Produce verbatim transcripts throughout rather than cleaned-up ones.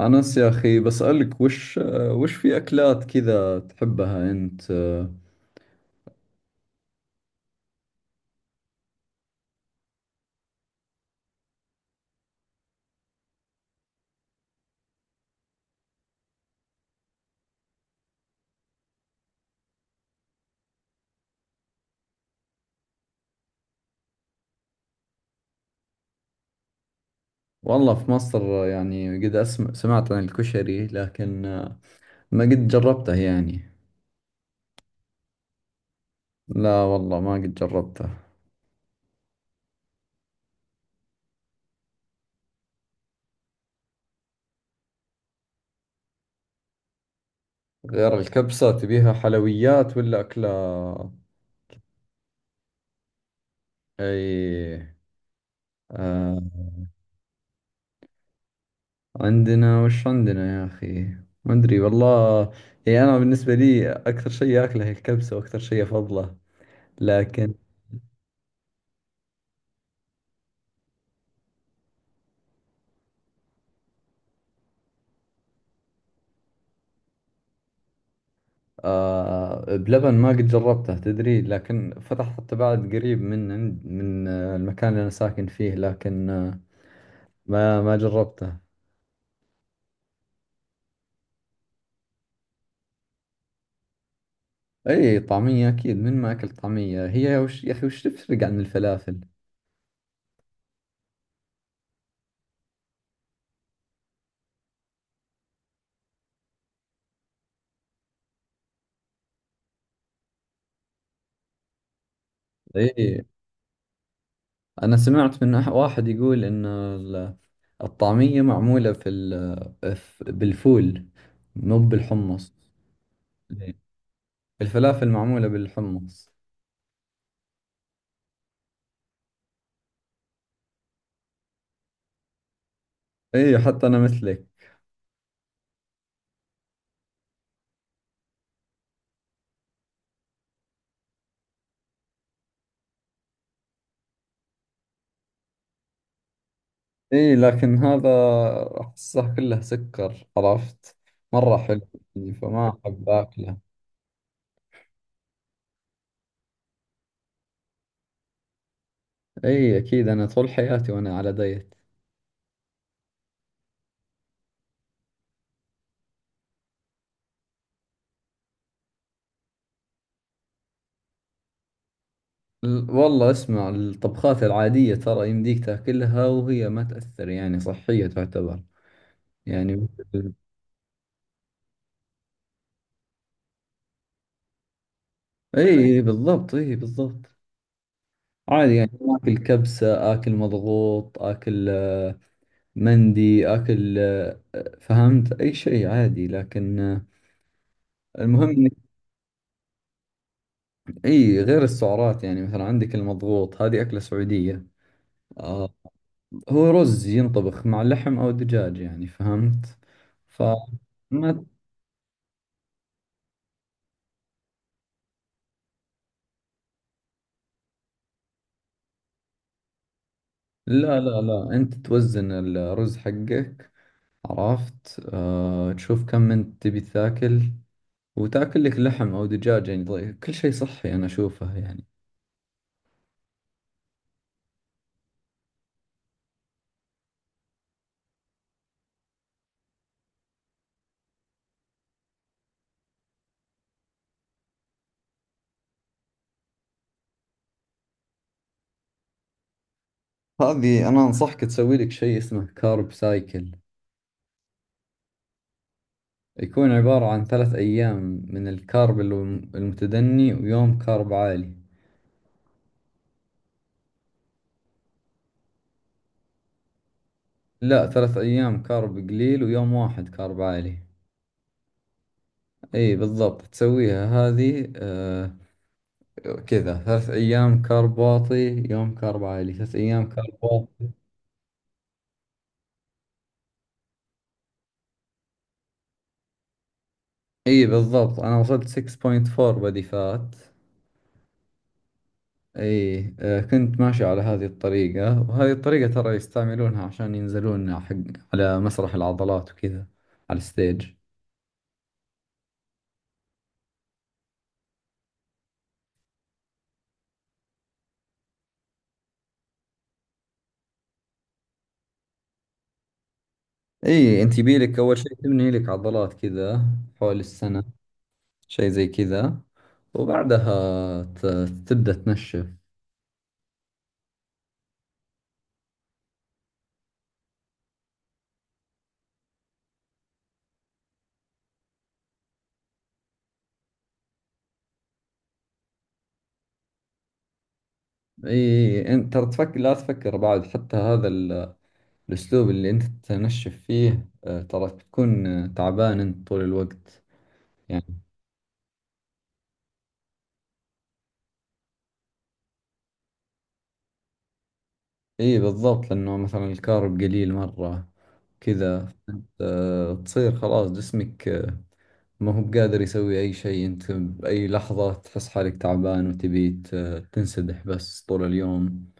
أنس يا أخي بسألك وش وش في أكلات كذا تحبها أنت. والله في مصر يعني قد أسمع سمعت عن الكشري، لكن ما قد جربته يعني. لا والله ما قد جربته. غير الكبسة تبيها حلويات ولا أكلة؟ أي، آه عندنا وش عندنا يا أخي؟ ما أدري والله. يعني أنا بالنسبة لي أكثر شيء أكله هي الكبسة، وأكثر شيء أفضله، لكن. آه بلبن ما قد جربته تدري، لكن فتح حتى بعد قريب من عند- من آه، المكان اللي أنا ساكن فيه، لكن آه، ما ما جربته. أي، طعمية أكيد من ما أكل طعمية، هي وش يا أخي، وش تفرق عن الفلافل؟ أي، أنا سمعت من أح- واحد يقول إن ال- الطعمية معمولة في ال- ف- بالفول، مو بالحمص. إي. الفلافل معمولة بالحمص. أي، حتى أنا مثلك. اي لكن هذا احسه كله سكر، عرفت؟ مرة حلو يعني، فما احب اكله. اي اكيد، انا طول حياتي وانا على دايت. ال- والله اسمع الطبخات العادية ترى يمديك تاكلها وهي ما تأثر، يعني صحية تعتبر. يعني مثل- اي بالضبط، اي بالضبط. عادي يعني، اكل كبسة، اكل مضغوط، اكل آه، مندي، اكل آه، فهمت، اي شيء عادي، لكن آه، المهم. اي غير السعرات، يعني مثلا عندك المضغوط، هذه أكلة سعودية. آه، هو رز ينطبخ مع لحم أو دجاج، يعني فهمت. ف ما لا لا لا، أنت توزن الرز حقك، عرفت؟ آه تشوف كم أنت تبي تاكل، وتاكل لك لحم أو دجاج، يعني ضي- كل شيء صحي أنا أشوفه يعني. هذه أنا أنصحك تسوي لك شيء اسمه كارب سايكل. يكون عبارة عن ثلاث أيام من الكارب الم- المتدني، ويوم كارب عالي. لا، ثلاث أيام كارب قليل، ويوم واحد كارب عالي. اي بالضبط، تسويها هذه آه كذا: ثلاث أيام كارب واطي، يوم كارب عالي، ثلاث أيام كارب واطي. اي بالضبط، أنا وصلت ستة فاصلة أربعة بدي فات. اي آه، كنت ماشي على هذه الطريقة، وهذه الطريقة ترى يستعملونها عشان ينزلون حق على مسرح العضلات وكذا، على الستيج. اي انت بيلك أول شيء تبني لك عضلات كذا، حول السنة، شيء زي كذا، وبعدها ت- تبدأ تنشف. اي، انت ترى تفكر، لا تفكر بعد حتى هذا ال- الاسلوب اللي انت تنشف فيه، آه، ترى بتكون آه، تعبان انت طول الوقت. يعني اي بالضبط، لانه مثلا الكارب قليل مرة كذا. آه، تصير خلاص جسمك آه، ما هو بقادر يسوي اي شيء، انت بأي لحظة تحس حالك تعبان وتبي ت- تنسدح بس طول اليوم.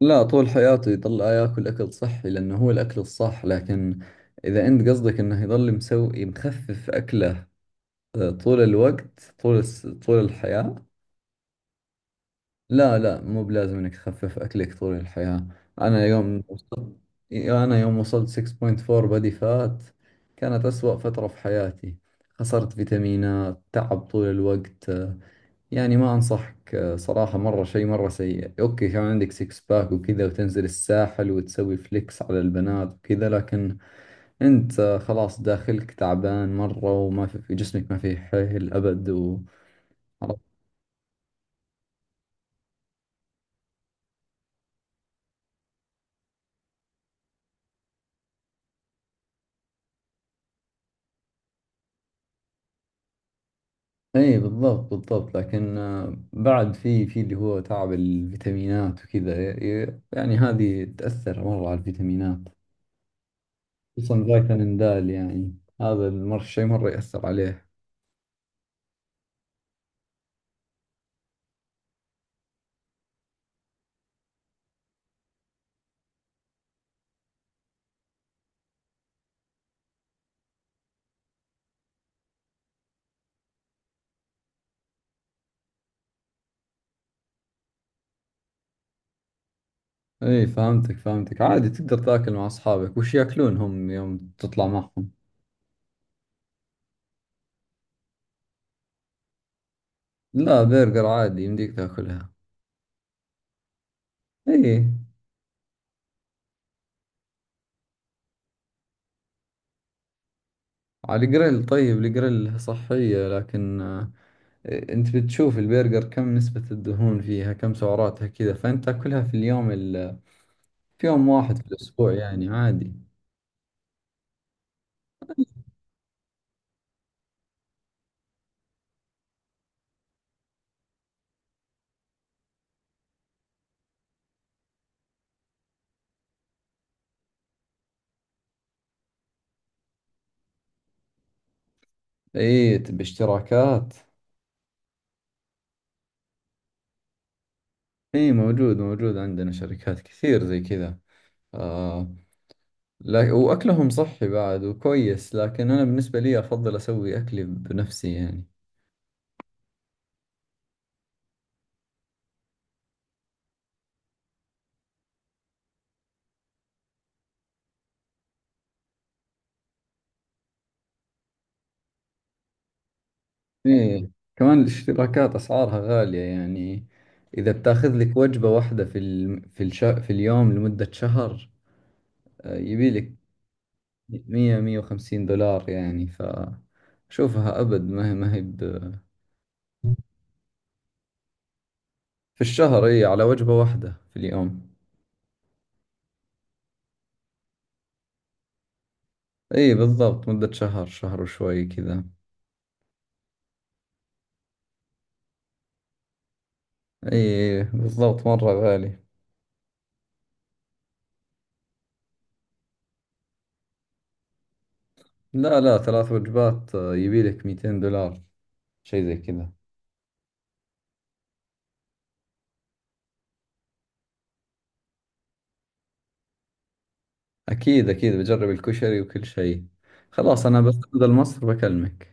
لا، طول حياته يضل ياكل اكل صحي لانه هو الاكل الصح. لكن اذا انت قصدك انه يضل مسوي مخفف اكله آه، طول الوقت، طول الس... طول الحياة؟ لا لا، مو بلازم انك تخفف اكلك طول الحياة. انا يوم وصلت انا يوم وصلت ستة فاصلة أربعة بody فات، كانت اسوأ فترة في حياتي. خسرت فيتامينات، تعب طول الوقت آه، يعني ما أنصحك آه، صراحة، مرة شيء مرة سيء. أوكي كان عندك سيكس باك وكذا، وتنزل الساحل وتسوي فليكس على البنات وكذا، لكن أنت آه، خلاص داخلك تعبان مرة، وما في في جسمك، ما فيه حيل أبد. و عرفت؟ اي بالضبط، بالضبط، لكن آه، بعد في في اللي هو تعب الفيتامينات وكذا ي- يعني هذه تأثر مرة على الفيتامينات، خصوصا فيتامين د يعني. هذا المر شيء مرة يأثر عليه. اي فهمتك، فهمتك. عادي تقدر تاكل مع اصحابك وش ياكلون هم يوم تطلع معهم. لا، برجر عادي يمديك تاكلها. اي، على الجريل، طيب الجريل صحية، لكن آه، انت بتشوف البرجر كم نسبة الدهون فيها، كم سعراتها كذا، فانت تاكلها في اليوم ال... في يوم واحد في الاسبوع يعني عادي. اي باشتراكات. اي موجود موجود، عندنا شركات كثير زي كذا. آه، لا، وأكلهم صحي بعد وكويس، لكن أنا بالنسبة لي أفضل أسوي أكلي بنفسي يعني. ايه، كمان الاشتراكات أسعارها غالية يعني. إذا بتاخذ لك وجبة واحدة في ال... في الش... في اليوم لمدة شهر، آه، يبي لك مية مئة وخمسين دولار يعني. فشوفها أبد، ما هي، ما هي ب... في الشهر. إي، على وجبة واحدة في اليوم. إي بالضبط، مدة شهر، شهر وشوي كذا. إي بالضبط، مرة غالي. لا لا، ثلاث وجبات آه، يبي لك مئتين دولار، شيء زي كذا. أكيد أكيد بجرب الكشري وكل شيء. خلاص، أنا بس مم. أنزل مصر بكلمك.